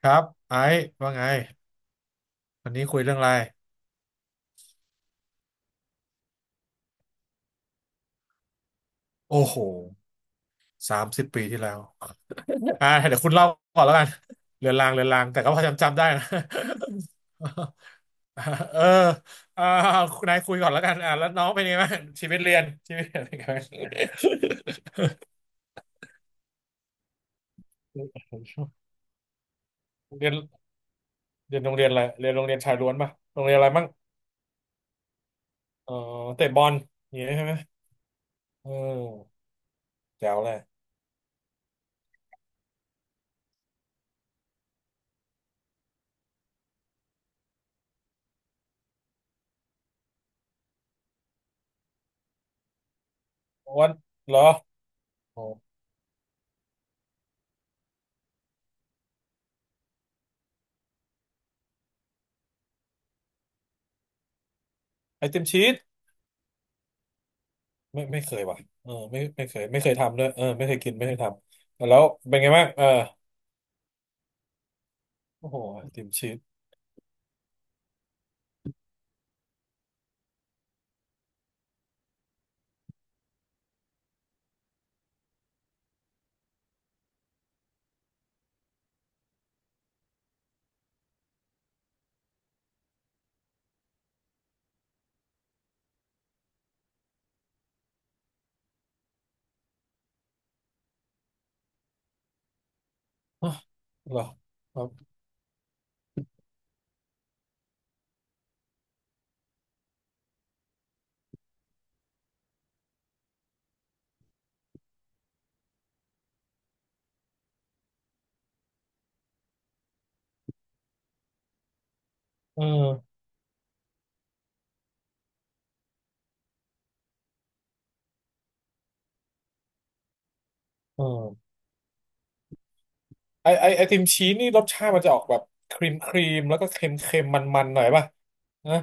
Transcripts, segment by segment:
ครับ ไอ้ว่าไง วันนี้คุยเรื่องอะไร โอ้โห30 ปีที่แล้วอ่าเดี๋ยวคุณเล่าก่อนแล้วกัน เรือนรางเรือนรางแต่ก็พอจำจำได้นะ เอออ่าคุณนายคุยก่อนแล้วกันอ่าแล้วน้องเป็นยังไงบ้างชีวิตเรียนชีวิตเรียนเป็นยังไงเรียนเรียนโรงเรียนอะไรเรียนโรงเรียนชายล้วนป่ะโรงเรียนอะไรบ้างอ๋อเตะบอลอย่างนี้ใช่ไหมเออแจ๋วเลยวันเหรอโอ้ไอติมชีส ไม่ไม่เคยว่ะเออไม่ไม่เคยไม่เคยทำด้วยเออไม่เคยกินไม่เคยทำแล้วเป็นไงบ้างเออโอ้โหไอติมชีสอ่ะเหรอครับเออเออไอติมชีสนี่รสชาติมันจะออกแบบครีมครีมแล้วก็เค็มเค็มมันมันๆหน่อยป่ะนะ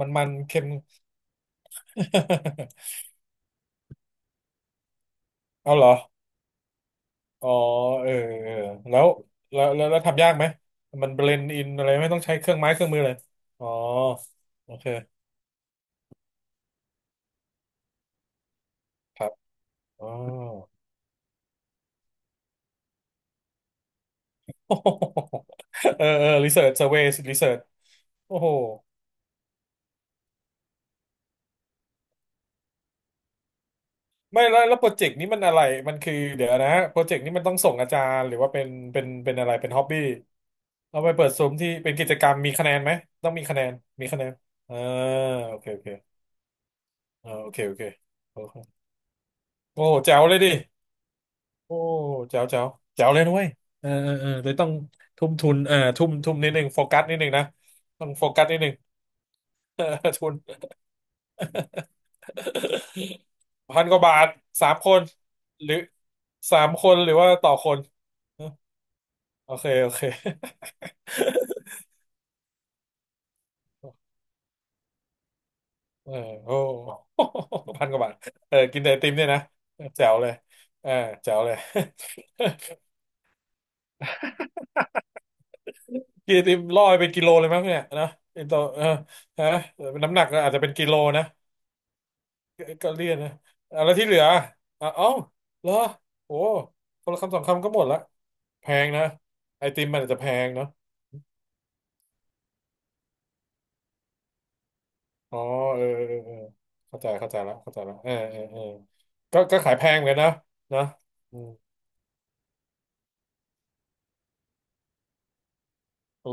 มันมันเค็ม เอาเหรออ๋อเออเออแล้วแล้วทำยากไหมมันเบลนด์อินอะไรไม่ต้องใช้เครื่องไม้เครื่องมือเลยอ๋อโอเคครับอ๋อ โอ้โหเออเออรีเสิร์ชเซอร์เวย์รีเสิร์ชโอ้โหไม่แล้วแล้วโปรเจกต์นี้มันอะไรมันคือเดี๋ยวนะโปรเจกต์นี้มันต้องส่งอาจารย์หรือว่าเป็นเป็นอะไรเป็นฮอบบี้เอาไปเปิดซุ้มที่เป็นกิจกรรมมีคะแนนไหมต้องมีคะแนนมีคะแนนอ่าโอเคโอเคอ่าโอเคโอเคโอเคโอ้โหแจ๋วเลยดิโอ้แจ๋วแจ๋วแจ๋วเลยนุ้ยเออเออเออเลยต้องทุ่มทุนเออทุ่มทุ่มนิดนึงโฟกัสนิดนึงนะต้องโฟกัสนิดนึง เออทุน พันกว่าบาทสามคนหรือสามคนหรือว่าต่อคนโอเคโอเค เออโอ้ พันกว่าบาทเออกินแต่ไอติมเนี่ยนะแจ๋วเลยเออแจ๋วเลย กินไอติมล่อไปเป็นกิโลเลยมั้งเนี่ยนะไอตัวเออฮะน้ำหนักอาจจะเป็นกิโลนะก็ก็เลี่ยนนะเอาแล้วที่เหลืออ่ะเอ้าเหรอโอ้คนละคำสองคำก็หมดละแพงนะไอติมมันอาจจะแพงเนาะ อ๋อเออเออเออเข้าใจเข้าใจแล้วเข้าใจแล้วเออเออเออก็ก็ขายแพงเหมือนกันนะนะอืม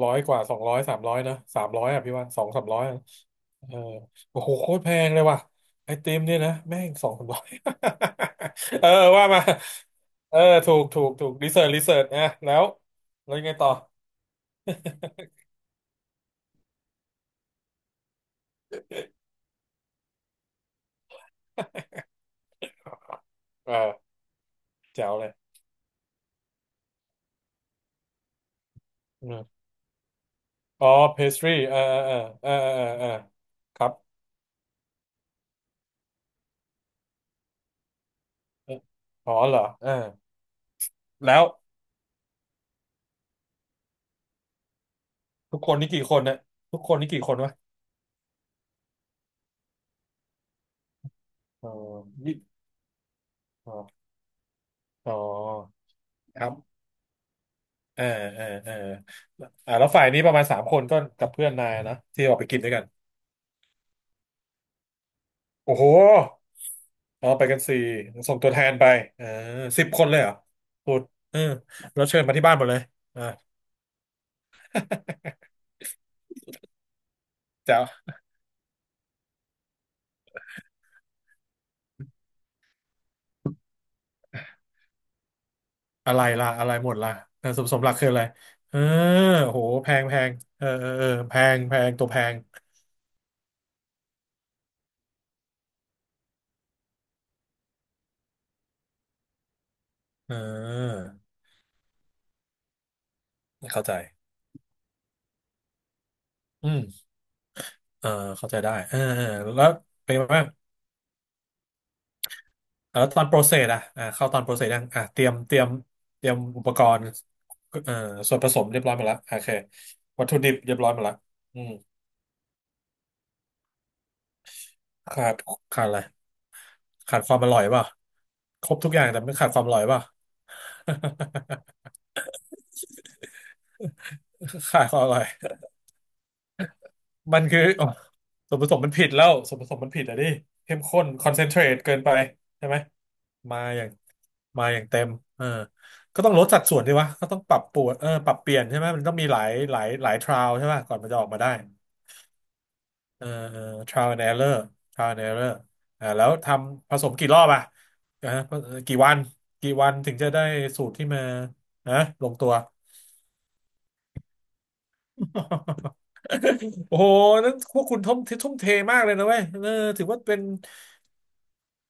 ร้อยกว่า200สามร้อยนะสามร้อยอ่ะพี่ว่าสองสามร้อยเออโอ้โหโคตรแพงเลยว่ะไอติมเนี่ยนะแม่งสองสามร้อย เออว่ามาเออถูกถูกถูกรีเสิร์ชรีเสิร์ชอ่ะแล้วแล้วยังไงต่อเออแจ๋วเลยอืมอ๋อเพสทรีเออเออเออเออเออเออครับเอออ๋อเหรอเออแล้วทุกคนนี่กี่คนเนี่ยทุกคนนี่กี่คนวะ อ๋อยี่อ๋ออ๋อครับเออเออเอออ่าแล้วฝ่ายนี้ประมาณสามคนก็กับเพื่อนนายนะที่ออกไปกินด้วยกัน โอ้โหอ๋อไปกันสี่ ส่งตัวแทนไปเออ10 คนเลยเหรอพูดเออแล้วเชิญมาที่บ้านหมดเลยอ่าจะอะไรล่ะอะไรหมดล่ะเออสมสมหลักคืออะไรเออโอ้โหแพงแพงเออเออเออแพงแพงตัวแพง เออ เข้าใจ อืมเออเข้าใจได้เออเออแล้วเป็นไงบ้าง เออตอนโปรเซสอะอ่าเข้าตอนโปรเซสยังอ่ะเตรียมเตรียมเตรียมอุปกรณ์เอ่อส่วนผสมเรียบร้อยหมดละโอเควัตถุดิบเรียบร้อยหมดละอืมขาดขาดอะไรขาดความอร่อยเปล่ะครบทุกอย่างแต่ไม่ขาดความอร่อยเปล่ะ ขาดความอร่อย มันคืออ๋อส่วนผสมมันผิดแล้วส่วนผสมมันผิดอะดิเข้มข้นคอนเซนเทรตเกินไปใช่ไหมมาอย่างมาอย่างเต็มเออก็ต้องลดสัดส่วนดีวะก็ต้องปรับปวดเออปรับเปลี่ยนใช่ไหมมันต้องมีหลายหลายหลายทราวใช่ไหมก่อนมันจะออกมาได้เออเออ trial and error trial and error อ่าแล้วทำผสมกี่รอบอ่ะนะฮะกี่วันกี่วันถึงจะได้สูตรที่มานะลงตัว โอ้โห นั้นพวกคุณทุ่มทุ่มเทมากเลยนะเว้ยเออถือว่าเป็น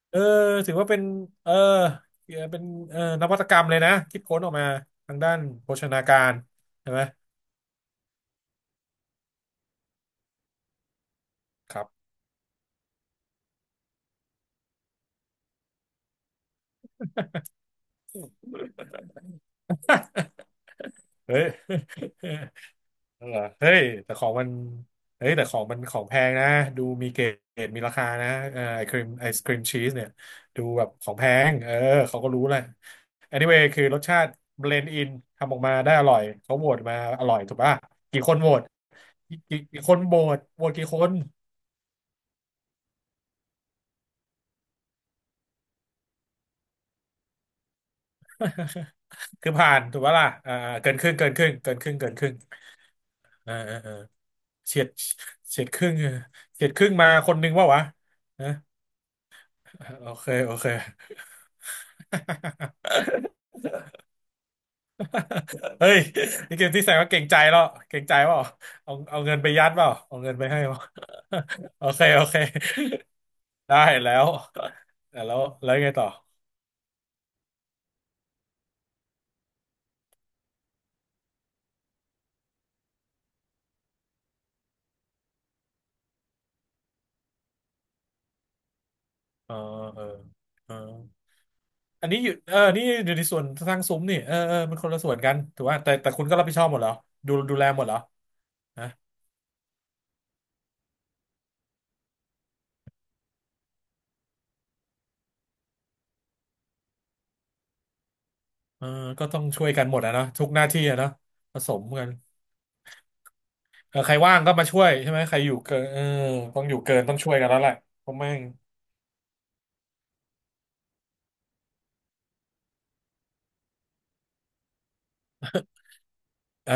เออถือว่าเป็นเออเป็นเออนวัตกรรมเลยนะคิดค้นออกมาทางด้านโภชนาการใช่ไหมครับ เฮ้ย เหรอเฮ้ยแต่ของมันเฮ้ยแต่ของมันของแพงนะดูมีเกรดมีราคานะเอ่อไอครีมไอศครีมชีสเนี่ยดูแบบของแพงเออเขาก็รู้แหละ anyway คือรสชาติ blend in ทำออกมาได้อร่อยเขาโหวตมาอร่อยถูกป่ะกี่คนโหวตกี่กี่คนโหวตโหวตกี่คนคือผ่านถูกป่ะล่ะอ่าเกินครึ่งเกินครึ่งเกินครึ่งเกินครึ่งอ่าอเอาเฉียดเฉียดครึ่งเออเฉียดครึ่งมาคนนึงว่าวะนะโอเคโอเค เฮ้ยนี่เกมที่แสดงว่าเก่งใจแล้วเก่งใจเปล่าเอาเอาเงินไปยัดเปล่าเอาเงินไปให้เปล่าโอเคโอเคได้แล้วแต่แล้วแล้วยังไงต่อเออเออเอออันนี้อยู่นี่อยู่ในส่วนสร้างซุ้มนี่เออเออมันคนละส่วนกันถือว่าแต่คุณก็รับผิดชอบหมดเหรอดูดูแลหมดเหรอนะเออก็ต้องช่วยกันหมดอะเนาะทุกหน้าที่อะเนาะผสมกันเออใครว่างก็มาช่วยใช่ไหมใครอยู่เกินเออต้องอยู่เกินต้องช่วยกันแล้วแหละเพราะแม่งเออ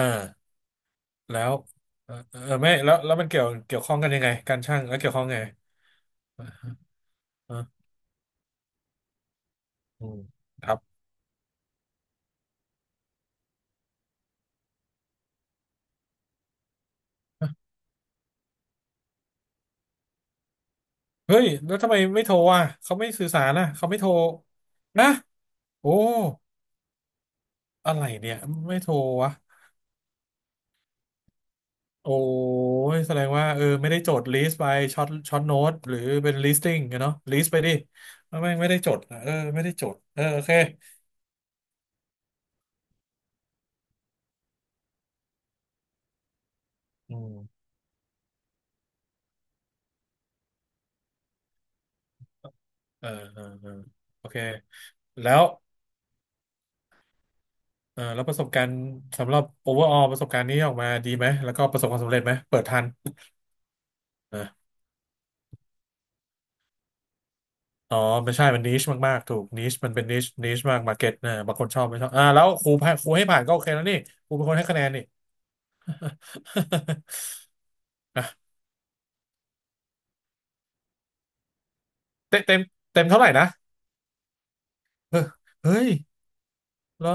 แล้วเออเออไม่แล้วแล้วมันเกี่ยวข้องกันยังไงการช่างแล้วเกี่ยวข้องไงอ่ะอืมครับเฮ้ยแล้วทำไมไม่โทรอ่ะเขาไม่สื่อสารนะเขาไม่โทรนะโอ้อะไรเนี่ยไม่โทรวะโอ้ยแสดงว่าเออไม่ได้จดลิสต์ไปช็อตโน้ตหรือเป็น listing กันเนาะลิสต์ไปดิไม่ได้จดนะเออไม่ได้จดเออโอเคอืมเออเออเออโอเคแล้ว อ่าแล้วประสบการณ์สำหรับ overall ประสบการณ์นี้ออกมาดีไหมแล้วก็ประสบความสำเร็จไหมเปิดทันนะอ๋อไม่ใช่มันนิชมากๆถูกนิชมันเป็นนิชมากมาเก็ตนะบางคนชอบไม่ชอบอ่าแล้วครูผ่านครูให้ผ่านก็โอเคแล้วนี่ครูเป็นคนให้คะแนนนี่ อ่ะเต็มเต็มเต็มเท่าไหร่นะเออเฮ้ยเหรอ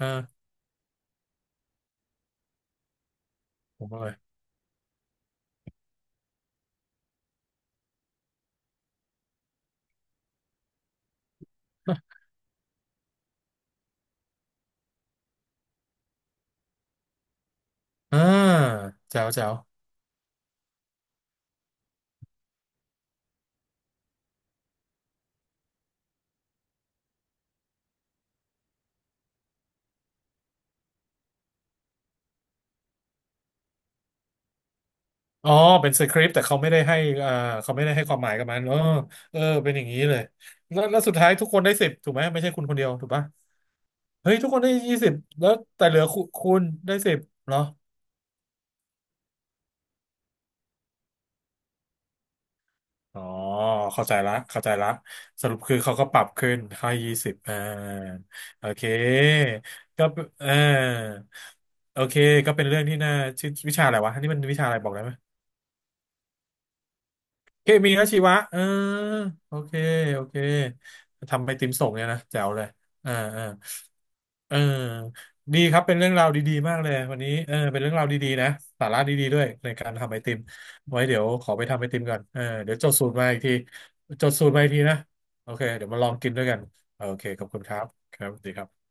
อ่าผมว่าไงอ่าแจ๋วแจ๋วอ๋อเป็นสคริปต์แต่เขาไม่ได้ให้อ่าเขาไม่ได้ให้ความหมายกับมันเออเออเป็นอย่างนี้เลยแล้วแล้วสุดท้ายทุกคนได้สิบถูกไหมไม่ใช่คุณคนเดียวถูกปะ เฮ้ยทุกคนได้ยี่สิบแล้วแต่เหลือคุณได้สิบเหรออ๋อเข้าใจละเข้าใจละสรุปคือเขาก็ปรับขึ้นให้ยี่สิบอ่าโอเคก็เออโอเคก็เป็นเรื่องที่น่าชื่อวิชาอะไรวะอันนี้มันวิชาอะไรบอกได้ไหม เคมีและชีวะเออโอเคโอเคทำไปติมส่งเนี่ยนะแจ๋วเลยอ่าอ่าเออดีครับ เป็นเรื่องราวดีๆมากเลยวันนี้เออเป็นเรื่องราวดีๆนะสาระดีๆด้วยในการทำไอติมไว้เดี๋ยวขอไปทำไอติมก่อนเออเดี๋ยวจดสูตรมาอีกทีจดสูตรมาอีกทีนะโอเคเดี๋ยวมาลองกินด้วยกันโอเคขอบคุณครับครับสวัสดีครับ